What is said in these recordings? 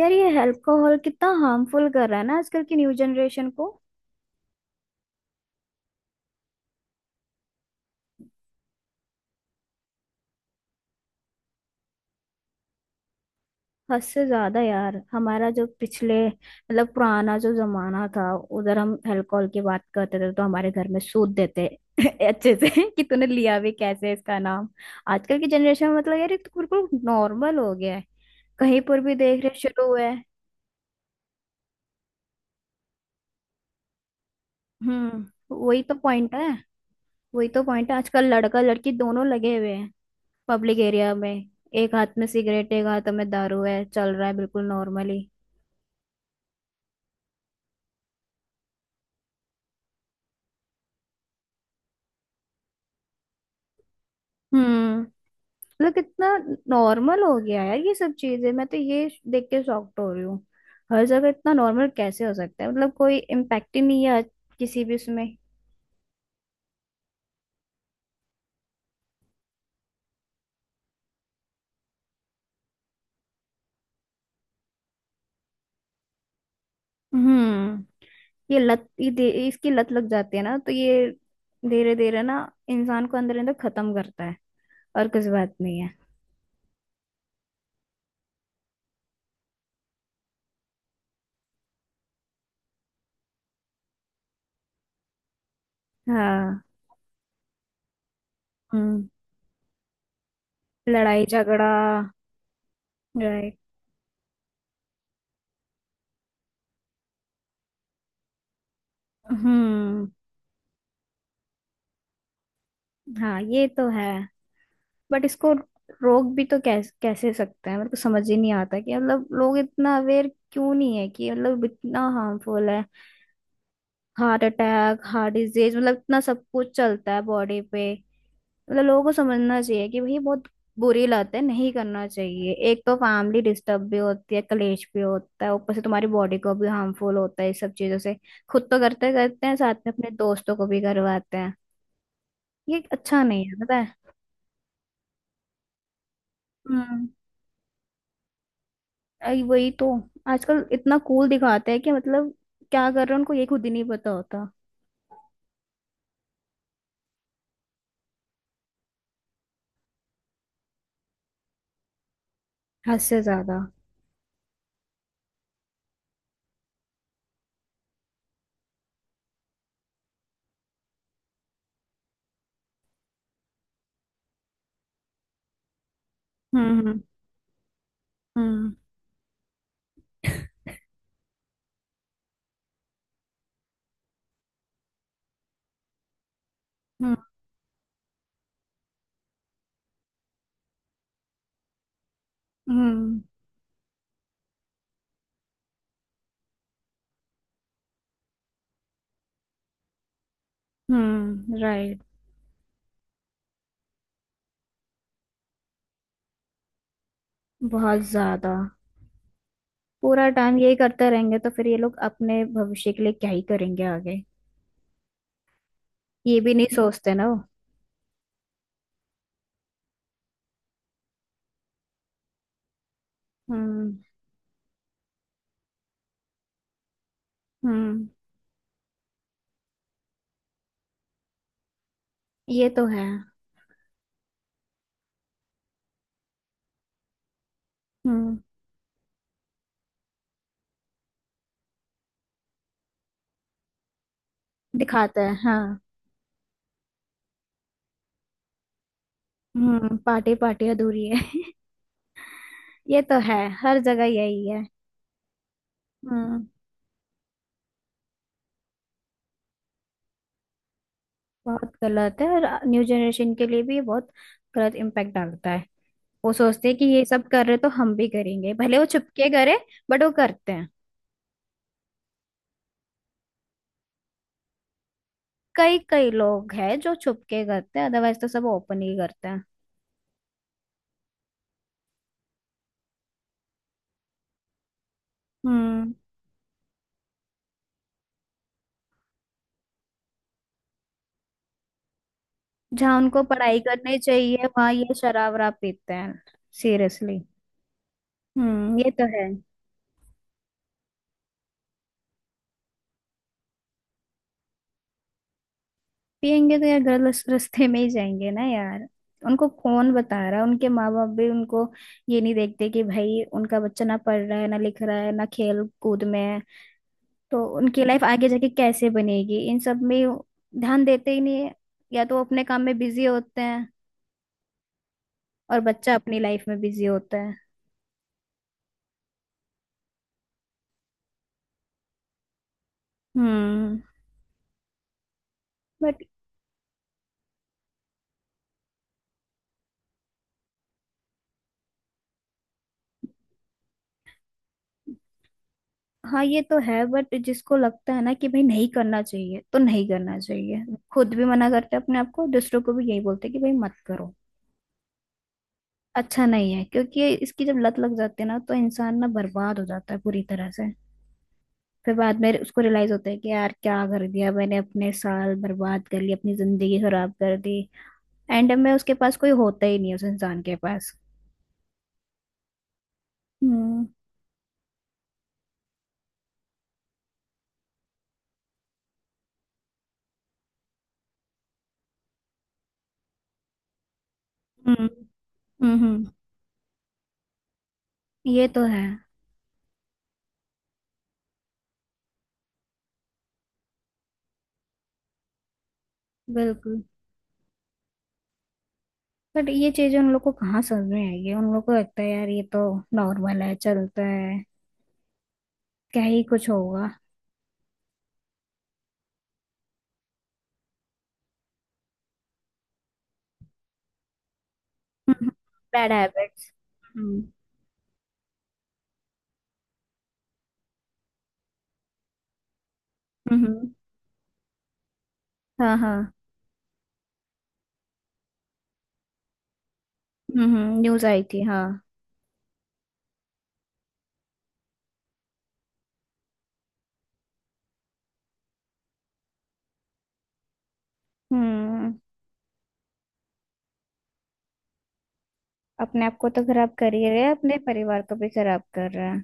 यार ये अल्कोहल कितना हार्मफुल कर रहा है ना आजकल की न्यू जनरेशन को। हद से ज्यादा यार। हमारा जो पिछले मतलब पुराना जो जमाना था उधर हम अल्कोहल की बात करते थे तो हमारे घर में सूद देते अच्छे से कि तूने लिया भी कैसे इसका नाम। आजकल की जनरेशन में मतलब यार ये तो बिल्कुल नॉर्मल हो गया है। कहीं पर भी देख रहे शुरू हुआ है। हम्म। वही तो पॉइंट है। वही तो पॉइंट है, आजकल लड़का लड़की दोनों लगे हुए हैं। पब्लिक एरिया में एक हाथ में सिगरेट एक हाथ में दारू है चल रहा है बिल्कुल नॉर्मली। हम्म। मतलब कितना नॉर्मल हो गया है यार ये सब चीजें। मैं तो ये देख के शॉक्ड हो रही हूँ। हर जगह इतना नॉर्मल कैसे हो सकता है मतलब कोई इम्पैक्ट ही नहीं है किसी भी उसमें। हम्म। ये लत इसकी लत लग जाती है ना तो ये धीरे धीरे ना इंसान को अंदर अंदर खत्म करता है। और कुछ बात नहीं है। हाँ। हम्म। लड़ाई झगड़ा। राइट। हम्म। हाँ ये तो है। बट इसको रोक भी तो कैसे कैसे सकते हैं? मेरे को समझ ही नहीं आता कि मतलब लोग इतना अवेयर क्यों नहीं है कि मतलब इतना हार्मफुल है। हार्ट अटैक, हार्ट डिजीज, मतलब इतना सब कुछ चलता है बॉडी पे। मतलब लोगों को समझना चाहिए कि भाई बहुत बुरी लत है, नहीं करना चाहिए। एक तो फैमिली डिस्टर्ब भी होती है, कलेश भी होता है, ऊपर से तुम्हारी बॉडी को भी हार्मफुल होता है इस सब चीजों से। खुद तो करते करते हैं, साथ में अपने दोस्तों को भी करवाते हैं। ये अच्छा नहीं है, पता है। हम्म। आई वही तो। आजकल इतना कूल दिखाते हैं कि मतलब क्या कर रहे हैं उनको ये खुद ही नहीं पता होता। हद से ज्यादा। हम्म। हम्म। हम्म। हम्म। राइट। बहुत ज्यादा। पूरा टाइम यही करते रहेंगे तो फिर ये लोग अपने भविष्य के लिए क्या ही करेंगे आगे? ये भी नहीं सोचते ना वो। हम्म। हम्म। ये तो है। हम्म। दिखाते हैं हाँ। पार्टी पार्टी अधूरी है। ये तो है हर जगह यही है। हम्म। बहुत गलत है और न्यू जनरेशन के लिए भी ये बहुत गलत इम्पैक्ट डालता है। वो सोचते हैं कि ये सब कर रहे तो हम भी करेंगे, भले वो छुपके करे। बट वो करते हैं। कई कई लोग हैं जो छुपके करते हैं, अदरवाइज तो सब ओपन ही करते हैं। हम्म। जहाँ उनको पढ़ाई करनी चाहिए वहाँ ये शराब वराब पीते हैं। सीरियसली। ये तो है। पियेंगे तो यार गलत रास्ते में ही जाएंगे ना यार। उनको कौन बता रहा है? उनके माँ बाप भी उनको ये नहीं देखते कि भाई उनका बच्चा ना पढ़ रहा है ना लिख रहा है ना खेल कूद में है तो उनकी लाइफ आगे जाके कैसे बनेगी इन सब में। ध्यान देते ही नहीं है। या तो वो अपने काम में बिजी होते हैं और बच्चा अपनी लाइफ में बिजी होता है। हम्म। बट। हाँ ये तो है। बट जिसको लगता है ना कि भाई नहीं करना चाहिए तो नहीं करना चाहिए। खुद भी मना करते हैं अपने आप को, दूसरों को भी यही बोलते हैं कि भाई मत करो। अच्छा नहीं है क्योंकि ये इसकी जब लत लग जाती है ना तो इंसान ना बर्बाद हो जाता है पूरी तरह से। फिर बाद में उसको रियलाइज होता है कि यार क्या कर दिया मैंने, अपने साल बर्बाद कर लिए, अपनी जिंदगी खराब कर दी। एंड में उसके पास कोई होता ही नहीं है, उस इंसान के पास। हम्म। हम्म। हम्म। हम्म। ये तो है। बिल्कुल। बट ये चीजें उन लोग को कहाँ समझ में आएगी? उन लोग को लगता है यार ये तो नॉर्मल है, चलता है। क्या ही कुछ होगा। Bad habits. हम्म। हम्म। हाँ हाँ। न्यूज आई थी हाँ। हम्म। अपने आप को तो खराब कर ही रहे हैं, अपने परिवार को भी खराब कर रहा है।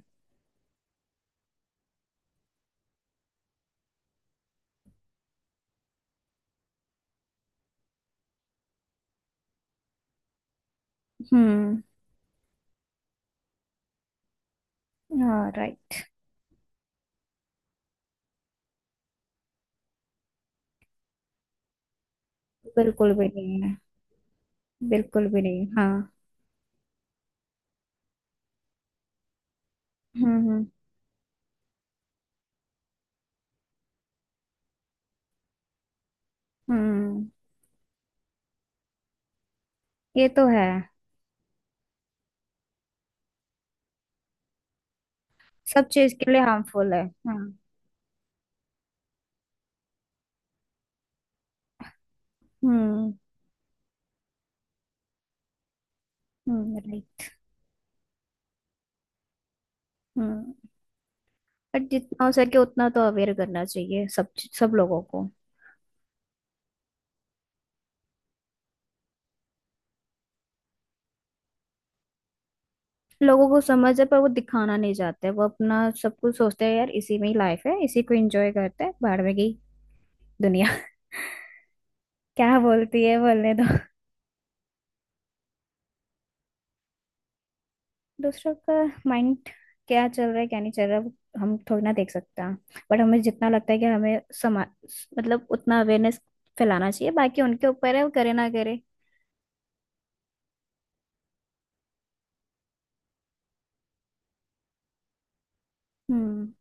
हम्म। हाँ राइट। बिल्कुल भी नहीं है। बिल्कुल भी नहीं हाँ। हम्म। हम्म। हम्म, ये तो है। सब चीज के लिए हार्मफुल है। हाँ। हम्म। राइट। हम्म। बट जितना हो सके उतना तो अवेयर करना चाहिए सब, सब लोगों को। लोगों को समझ है पर वो दिखाना नहीं चाहते। वो अपना सब कुछ सोचते हैं यार इसी में ही लाइफ है, इसी को एंजॉय करते हैं, बाहर में गई दुनिया क्या बोलती है, बोलने दो। दूसरों का माइंड क्या चल रहा है क्या नहीं चल रहा है, वो हम थोड़ी ना देख सकता। बट हमें जितना लगता है कि हमें समा मतलब उतना अवेयरनेस फैलाना चाहिए, बाकी उनके ऊपर है वो करे ना करे। हम्म।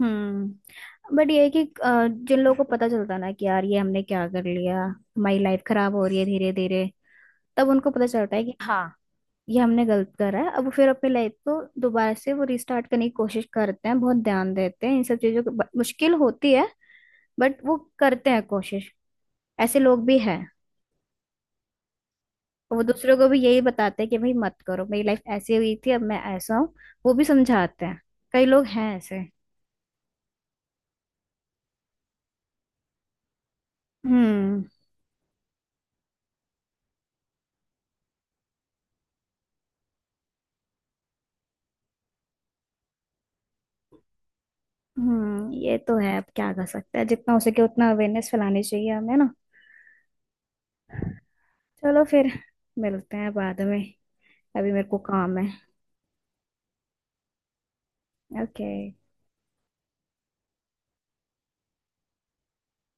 हम्म। बट ये है कि जिन लोगों को पता चलता है ना कि यार ये हमने क्या कर लिया हमारी लाइफ खराब हो रही है धीरे धीरे, तब उनको पता चलता है कि हाँ। ये हमने गलत करा है, अब फिर अपनी लाइफ को दोबारा से वो रिस्टार्ट करने की कोशिश करते हैं, बहुत ध्यान देते हैं इन सब चीजों की, मुश्किल होती है। बट वो करते हैं कोशिश। ऐसे लोग भी हैं। और वो दूसरों को भी यही बताते हैं कि भाई मत करो, मेरी लाइफ ऐसी हुई थी अब मैं ऐसा हूँ। वो भी समझाते हैं। कई लोग हैं ऐसे। हम्म। हम्म। ये तो है। अब क्या कर सकते हैं? जितना हो सके उतना अवेयरनेस फैलानी चाहिए हमें ना। चलो फिर। मिलते हैं बाद में, अभी मेरे को काम है। ओके।